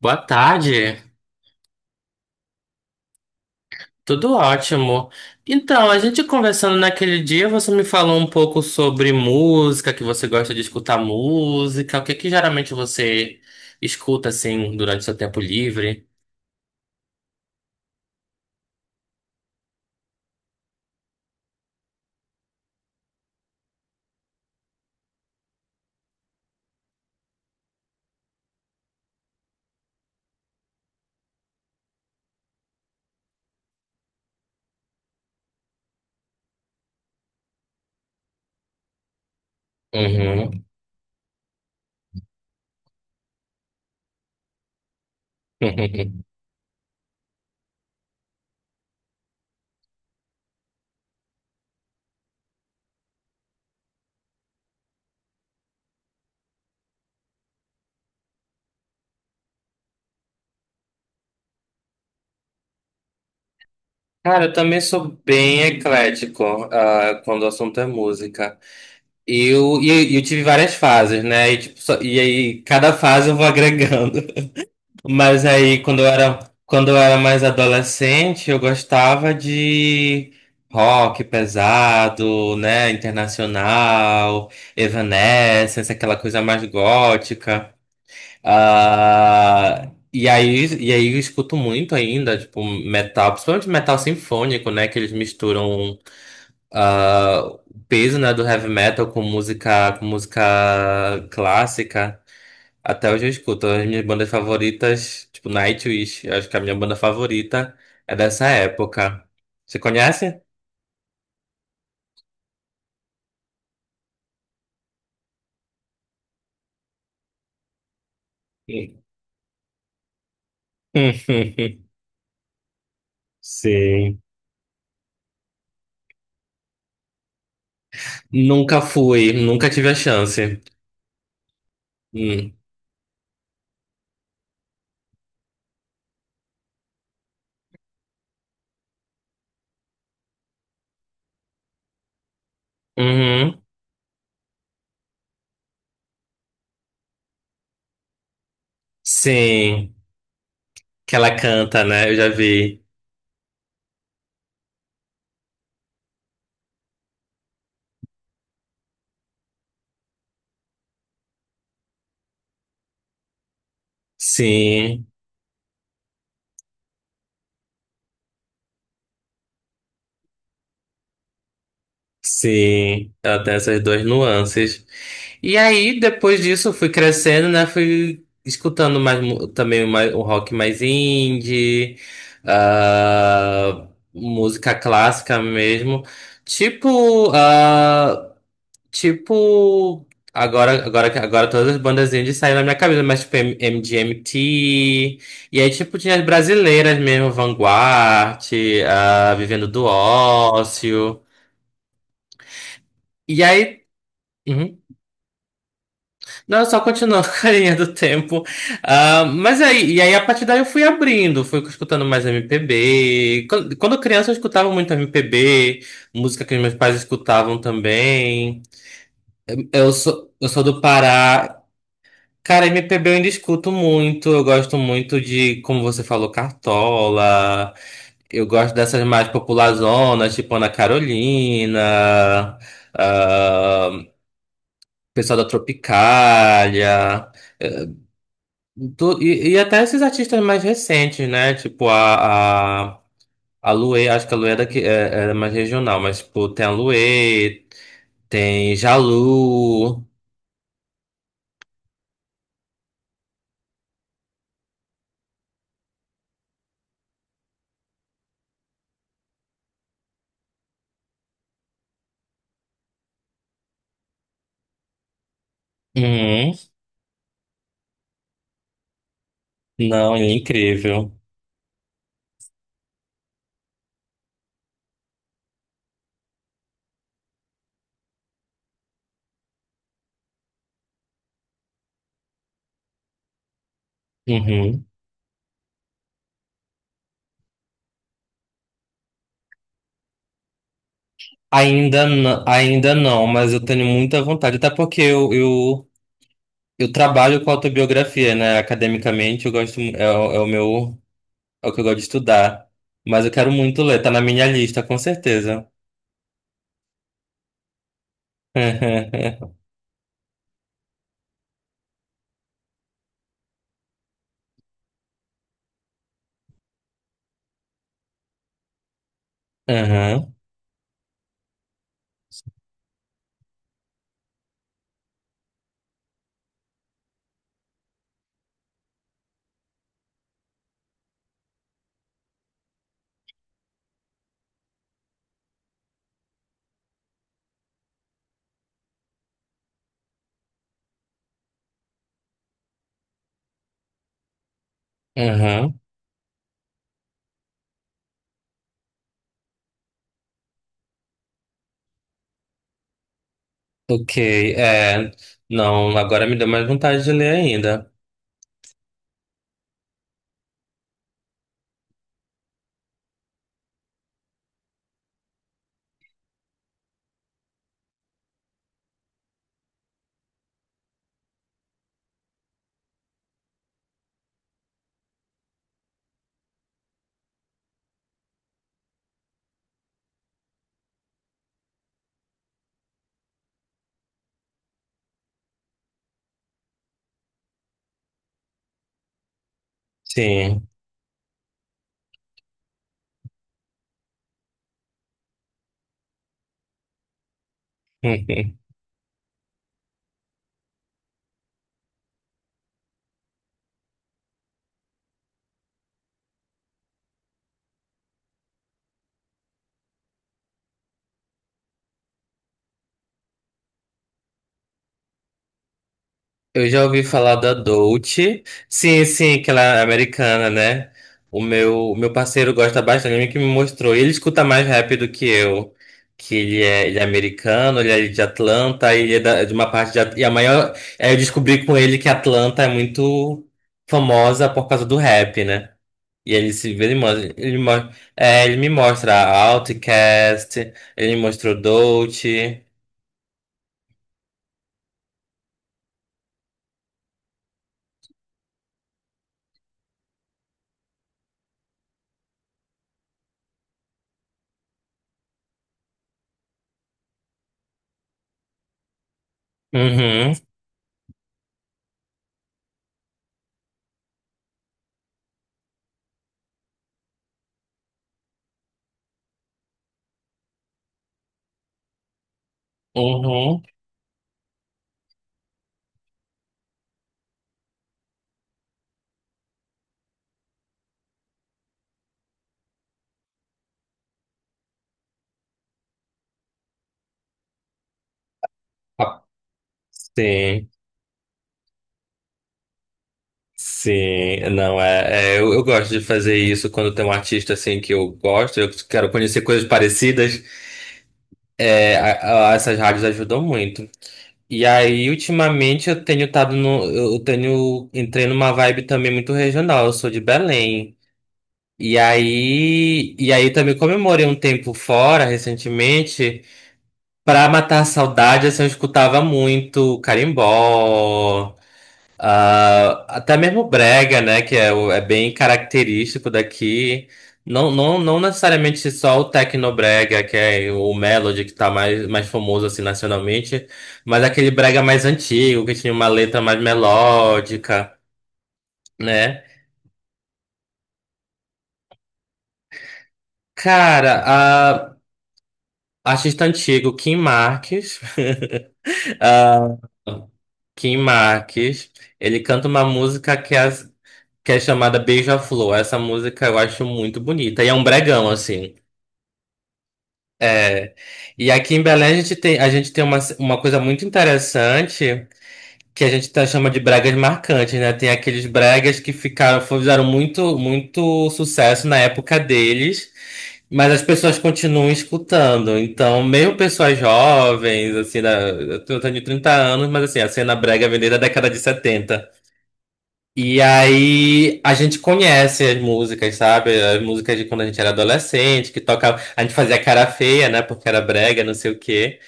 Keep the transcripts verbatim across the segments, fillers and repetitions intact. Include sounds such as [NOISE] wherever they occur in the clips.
Boa tarde, tudo ótimo. Então, a gente conversando naquele dia, você me falou um pouco sobre música, que você gosta de escutar música, o que que geralmente você escuta assim durante seu tempo livre? Uhum. [LAUGHS] Cara, eu também sou bem eclético, ah, quando o assunto é música. Eu, e eu e eu tive várias fases, né? E, tipo, só- e aí, cada fase eu vou agregando. Mas aí, quando eu era, quando eu era mais adolescente, eu gostava de rock pesado, né? Internacional, Evanescence, aquela coisa mais gótica. Ah, e aí, e aí eu escuto muito ainda, tipo, metal, principalmente metal sinfônico, né? Que eles misturam ah, o peso, né, do heavy metal com música, com música clássica. Até hoje eu escuto as minhas bandas favoritas, tipo Nightwish. Eu acho que é a minha banda favorita é dessa época. Você conhece? Sim. [LAUGHS] Sim. Nunca fui, nunca tive a chance. Hum. Uhum. Sim. Que ela canta, né? Eu já vi. Sim. Sim, ela tem essas duas nuances. E aí, depois disso, eu fui crescendo, né? Fui escutando mais mu- também mais, um rock mais indie, ah, música clássica mesmo. Tipo, ah, tipo, agora, agora, que- agora todas as bandas indies saíram na minha cabeça, mas tipo M- MGMT. E aí, tipo, tinha as brasileiras mesmo, Vanguard, ah, Vivendo do Ócio. E aí. uhum. Não, só continuou [LAUGHS] com a linha [LAUGHS] do tempo. Ah, mas aí, e aí a partir daí eu fui abrindo, fui escutando mais M P B. Quando, quando criança eu escutava muito M P B, música que meus pais escutavam também. Eu sou, eu sou do Pará. Cara, M P B eu ainda escuto muito. Eu gosto muito de, como você falou, Cartola. Eu gosto dessas mais populazonas, tipo Ana Carolina, ah, pessoal da Tropicália. Do- e, e até esses artistas mais recentes, né? Tipo a, a, a Luê, acho que a Luê era, que, é, era mais regional, mas tipo, tem a Luê, tem Jalu. Uhum. Não, ele é incrível. Uhum. Ainda, n- ainda não, mas eu tenho muita vontade, até porque eu, eu, eu trabalho com autobiografia, né? Academicamente, eu gosto, mu- é, o- é o meu, é o que eu gosto de estudar. Mas eu quero muito ler, tá na minha lista, com certeza. [LAUGHS] Aham, aham. Ok, é. Não, agora me deu mais vontade de ler ainda. Sim. [LAUGHS] Eu já ouvi falar da Dolce. Sim, sim, que ela é americana, né? O meu, o meu parceiro gosta bastante, ele que me mostrou. Ele escuta mais rap do que eu. Que ele é, ele é americano, ele é de Atlanta, ele é da- de uma parte de. At- E a maior. é, Eu descobri com ele que Atlanta é muito famosa por causa do rap, né? E ele se vê, ele mostra, ele, mo- é, ele me mostra a Outcast, ele me mostrou Dolce. Uhum, uhum. Ah, sim, sim. Não, é, é, eu, eu gosto de fazer isso quando tem um artista assim que eu gosto, eu quero conhecer coisas parecidas. É, a- a- essas rádios ajudam muito. E aí, ultimamente, eu tenho estado no. Eu tenho. Entrei numa vibe também muito regional. Eu sou de Belém. E aí, e aí também comemorei um tempo fora recentemente. Pra matar a saudade, assim, eu escutava muito carimbó, ah, até mesmo brega, né? Que é, o- é bem característico daqui. Não, não, não necessariamente só o tecnobrega, que é o Melody, que tá mais, mais famoso assim nacionalmente, mas aquele brega mais antigo, que tinha uma letra mais melódica, né? Cara, Artista antigo, Kim Marques. [LAUGHS] Ah, Kim Marques. Ele canta uma música que é, que é chamada Beija-Flor. Essa música eu acho muito bonita. E é um bregão, assim. É. E aqui em Belém a gente tem, a gente tem uma, uma coisa muito interessante, que a gente tá, chama de bregas marcantes, né? Tem aqueles bregas que ficaram, fizeram muito, muito sucesso na época deles, mas as pessoas continuam escutando. Então, mesmo pessoas jovens, assim, da, eu tenho trinta anos, mas assim, a cena brega vem desde a década de setenta. E aí a gente conhece as músicas, sabe? As músicas de quando a gente era adolescente, que tocava. A gente fazia cara feia, né? Porque era brega, não sei o quê.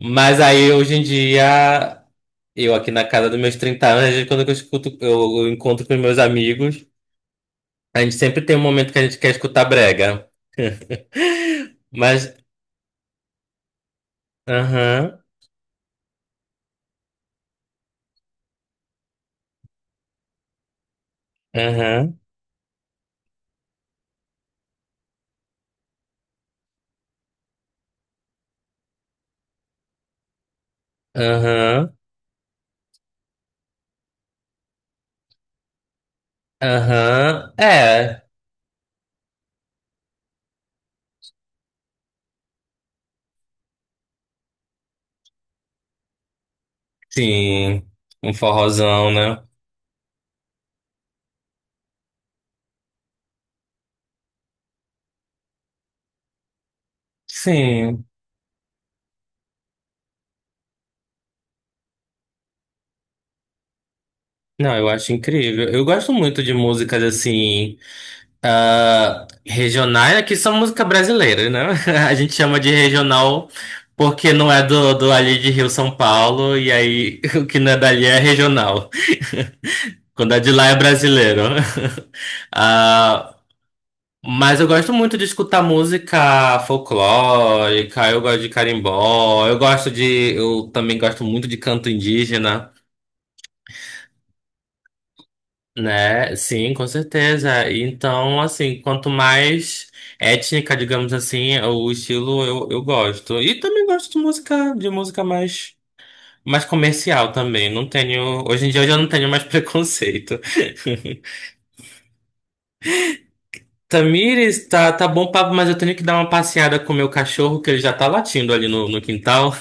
Mas aí hoje em dia eu aqui na casa dos meus trinta anos, às vezes, quando eu, escuto, eu, eu encontro com meus amigos, a gente sempre tem um momento que a gente quer escutar brega. Mas, aham, aham, aham, aham, é, sim, um forrozão, né? Sim, não, eu acho incrível. Eu gosto muito de músicas assim, ah, regionais, que são música brasileira, né? [LAUGHS] A gente chama de regional porque não é do, do ali de Rio São Paulo, e aí [LAUGHS] o que não é dali é regional. Quando é de lá é brasileiro. [LAUGHS] Ah, mas eu gosto muito de escutar música folclórica, eu gosto de carimbó, eu gosto de. Eu também gosto muito de canto indígena, né? Sim, com certeza. Então, assim, quanto mais étnica, digamos assim, o estilo eu, eu gosto. E também gosto de música, de música mais, mais comercial também. Não tenho. Hoje em dia eu já não tenho mais [LAUGHS] preconceito. Tamires, tá, tá bom papo, mas eu tenho que dar uma passeada com o meu cachorro, que ele já tá latindo ali no, no quintal,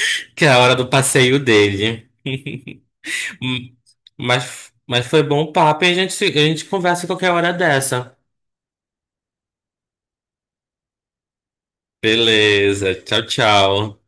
[LAUGHS] que é a hora do passeio dele. [LAUGHS] Hum, Mas, mas foi bom papo e a gente, se- a gente conversa qualquer hora dessa. Beleza, tchau, tchau.